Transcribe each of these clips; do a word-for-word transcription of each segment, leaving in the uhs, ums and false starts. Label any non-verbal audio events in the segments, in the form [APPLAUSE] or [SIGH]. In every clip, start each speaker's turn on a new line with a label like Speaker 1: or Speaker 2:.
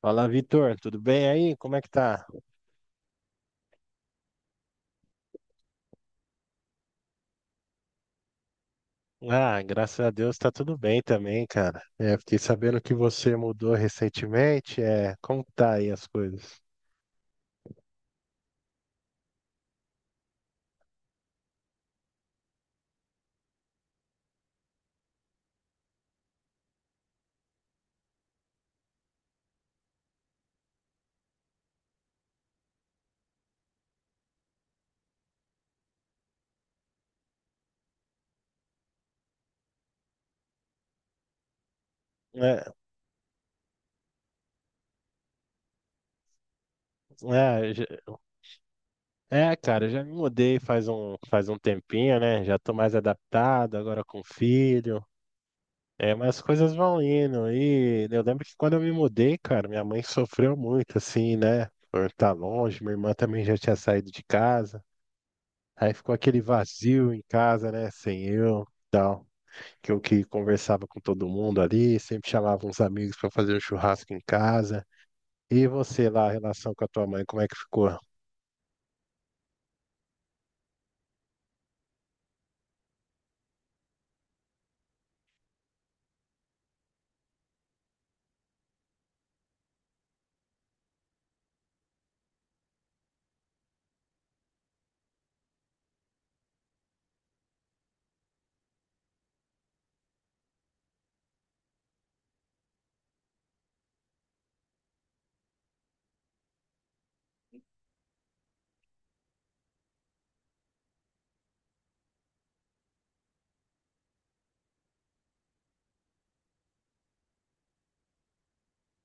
Speaker 1: Fala, Vitor, tudo bem aí? Como é que tá? Ah, graças a Deus tá tudo bem também, cara. É, fiquei sabendo que você mudou recentemente. É, como que tá aí as coisas? É, é, já- é, cara, já me mudei faz um, faz um tempinho, né? Já tô mais adaptado agora com filho. É, mas as coisas vão indo. E eu lembro que quando eu me mudei, cara, minha mãe sofreu muito, assim, né? Por estar longe, minha irmã também já tinha saído de casa. Aí ficou aquele vazio em casa, né? Sem eu, tal. Que eu que conversava com todo mundo ali, sempre chamava uns amigos para fazer um churrasco em casa. E você lá, a relação com a tua mãe, como é que ficou?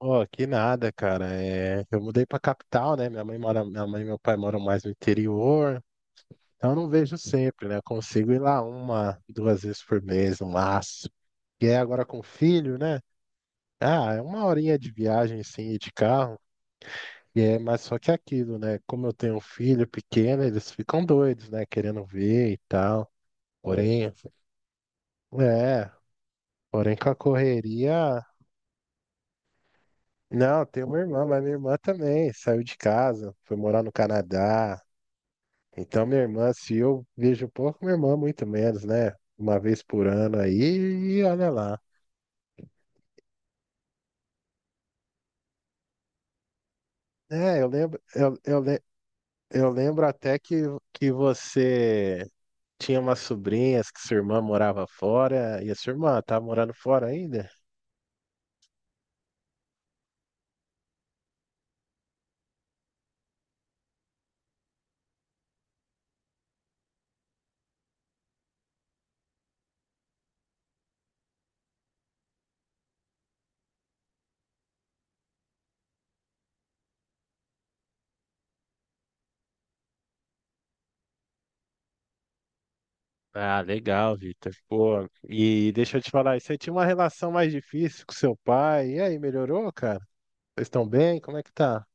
Speaker 1: Oh, que nada, cara. É, eu mudei pra capital, né? Minha mãe mora, minha mãe e meu pai moram mais no interior. Então eu não vejo sempre, né? Eu consigo ir lá uma, duas vezes por mês, no máximo. E aí agora com o filho, né? Ah, é uma horinha de viagem, sim, de carro. E é, mas só que é aquilo, né? Como eu tenho um filho pequeno, eles ficam doidos, né? Querendo ver e tal. Porém, é, porém com a correria. Não, tenho uma irmã, mas minha irmã também saiu de casa, foi morar no Canadá. Então, minha irmã, se eu vejo pouco, minha irmã muito menos, né? Uma vez por ano aí, e olha lá. É, eu lembro, eu, eu, le- eu lembro até que, que você. Tinha umas sobrinhas que sua irmã morava fora, e a sua irmã tá morando fora ainda? Ah, legal, Vitor. Pô, e deixa eu te falar, você tinha uma relação mais difícil com seu pai, e aí, melhorou, cara? Vocês estão bem? Como é que tá?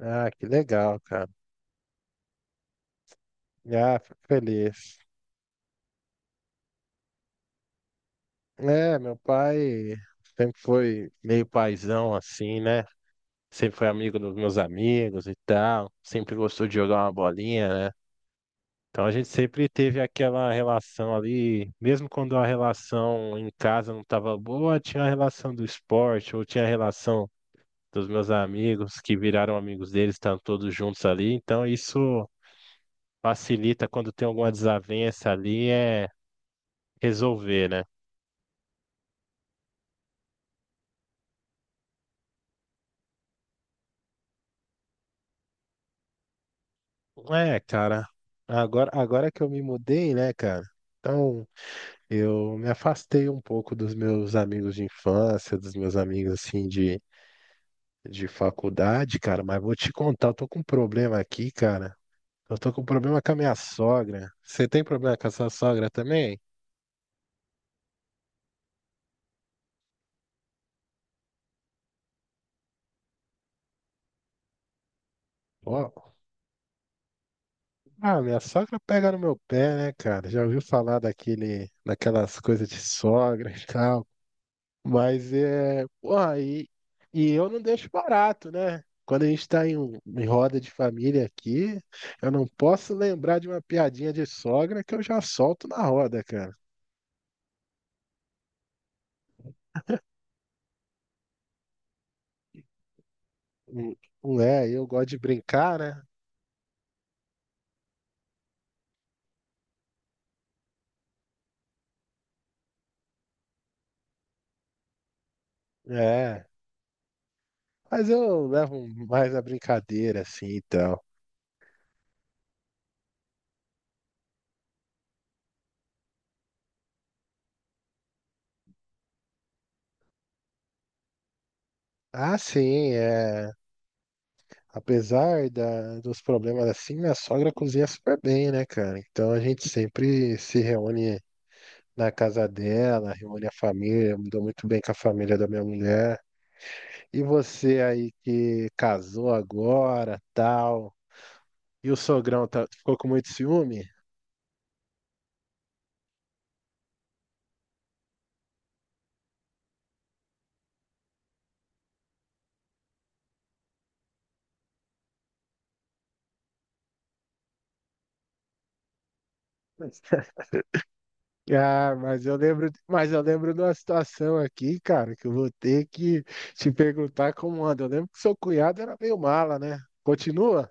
Speaker 1: Ah, que legal, cara. Ah, fico feliz. É, meu pai sempre foi meio paizão assim, né? Sempre foi amigo dos meus amigos e tal, sempre gostou de jogar uma bolinha, né? Então a gente sempre teve aquela relação ali, mesmo quando a relação em casa não estava boa, tinha a relação do esporte, ou tinha a relação dos meus amigos que viraram amigos deles, estão todos juntos ali. Então isso facilita quando tem alguma desavença ali, é resolver, né? É, cara, agora, agora que eu me mudei, né, cara? Então, eu me afastei um pouco dos meus amigos de infância, dos meus amigos assim de, de faculdade, cara, mas vou te contar, eu tô com um problema aqui, cara. Eu tô com um problema com a minha sogra. Você tem problema com a sua sogra também? Ó, ah, minha sogra pega no meu pé, né, cara? Já ouviu falar daquele, daquelas coisas de sogra e tal? Mas é. Porra, e, e eu não deixo barato, né? Quando a gente está em, um- em roda de família aqui, eu não posso lembrar de uma piadinha de sogra que eu já solto na roda, cara. Hum, Não é, eu gosto de brincar, né? É. Mas eu levo mais a brincadeira, assim, então. Ah, sim, é. Apesar da, dos problemas assim, minha sogra cozinha super bem, né, cara? Então a gente sempre se reúne na casa dela, reúne a família, me dou muito bem com a família da minha mulher. E você aí que casou agora, tal, e o sogrão tá- ficou com muito ciúme? [LAUGHS] Ah, mas eu lembro, mas eu lembro de uma situação aqui, cara, que eu vou ter que te perguntar como anda. Eu lembro que seu cunhado era meio mala, né? Continua?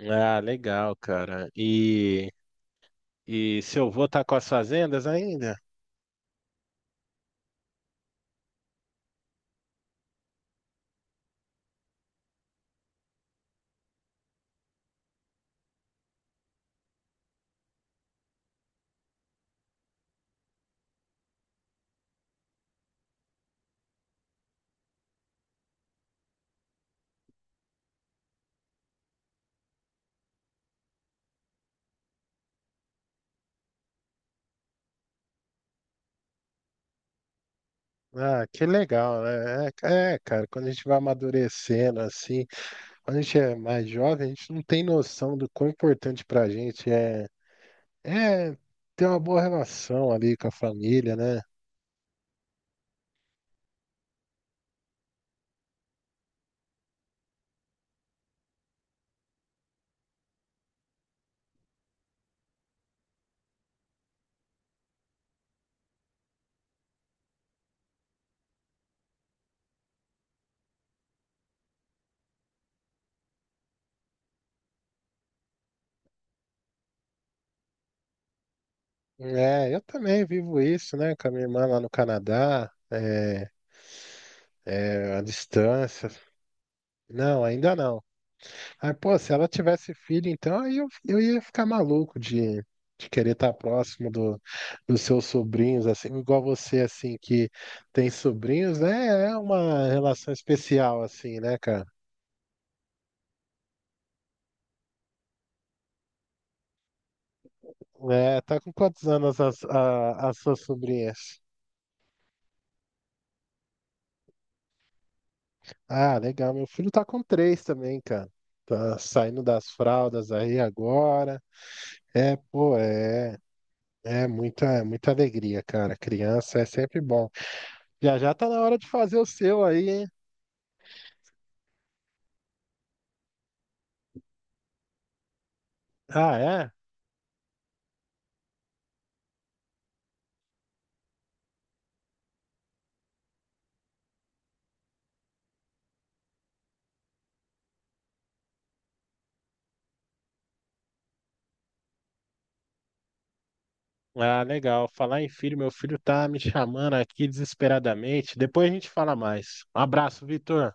Speaker 1: Ah, legal, cara. E, e seu avô tá com as fazendas ainda? Ah, que legal, né? É, é, cara, quando a gente vai amadurecendo assim, quando a gente é mais jovem, a gente não tem noção do quão importante pra gente é, é ter uma boa relação ali com a família, né? É, eu também vivo isso, né, com a minha irmã lá no Canadá, é, é, à distância. Não, ainda não. Aí, pô, se ela tivesse filho, então aí eu, eu ia ficar maluco de, de querer estar próximo do, dos seus sobrinhos, assim, igual você, assim, que tem sobrinhos, né? É uma relação especial, assim, né, cara? É, tá com quantos anos as, a- as suas sobrinhas? Ah, legal, meu filho tá com três também, cara. Tá saindo das fraldas aí agora. É, pô, é, é muita, é muita alegria, cara. Criança é sempre bom. Já já tá na hora de fazer o seu aí, hein? Ah, é? Ah, legal. Falar em filho, meu filho tá me chamando aqui desesperadamente. Depois a gente fala mais. Um abraço, Vitor.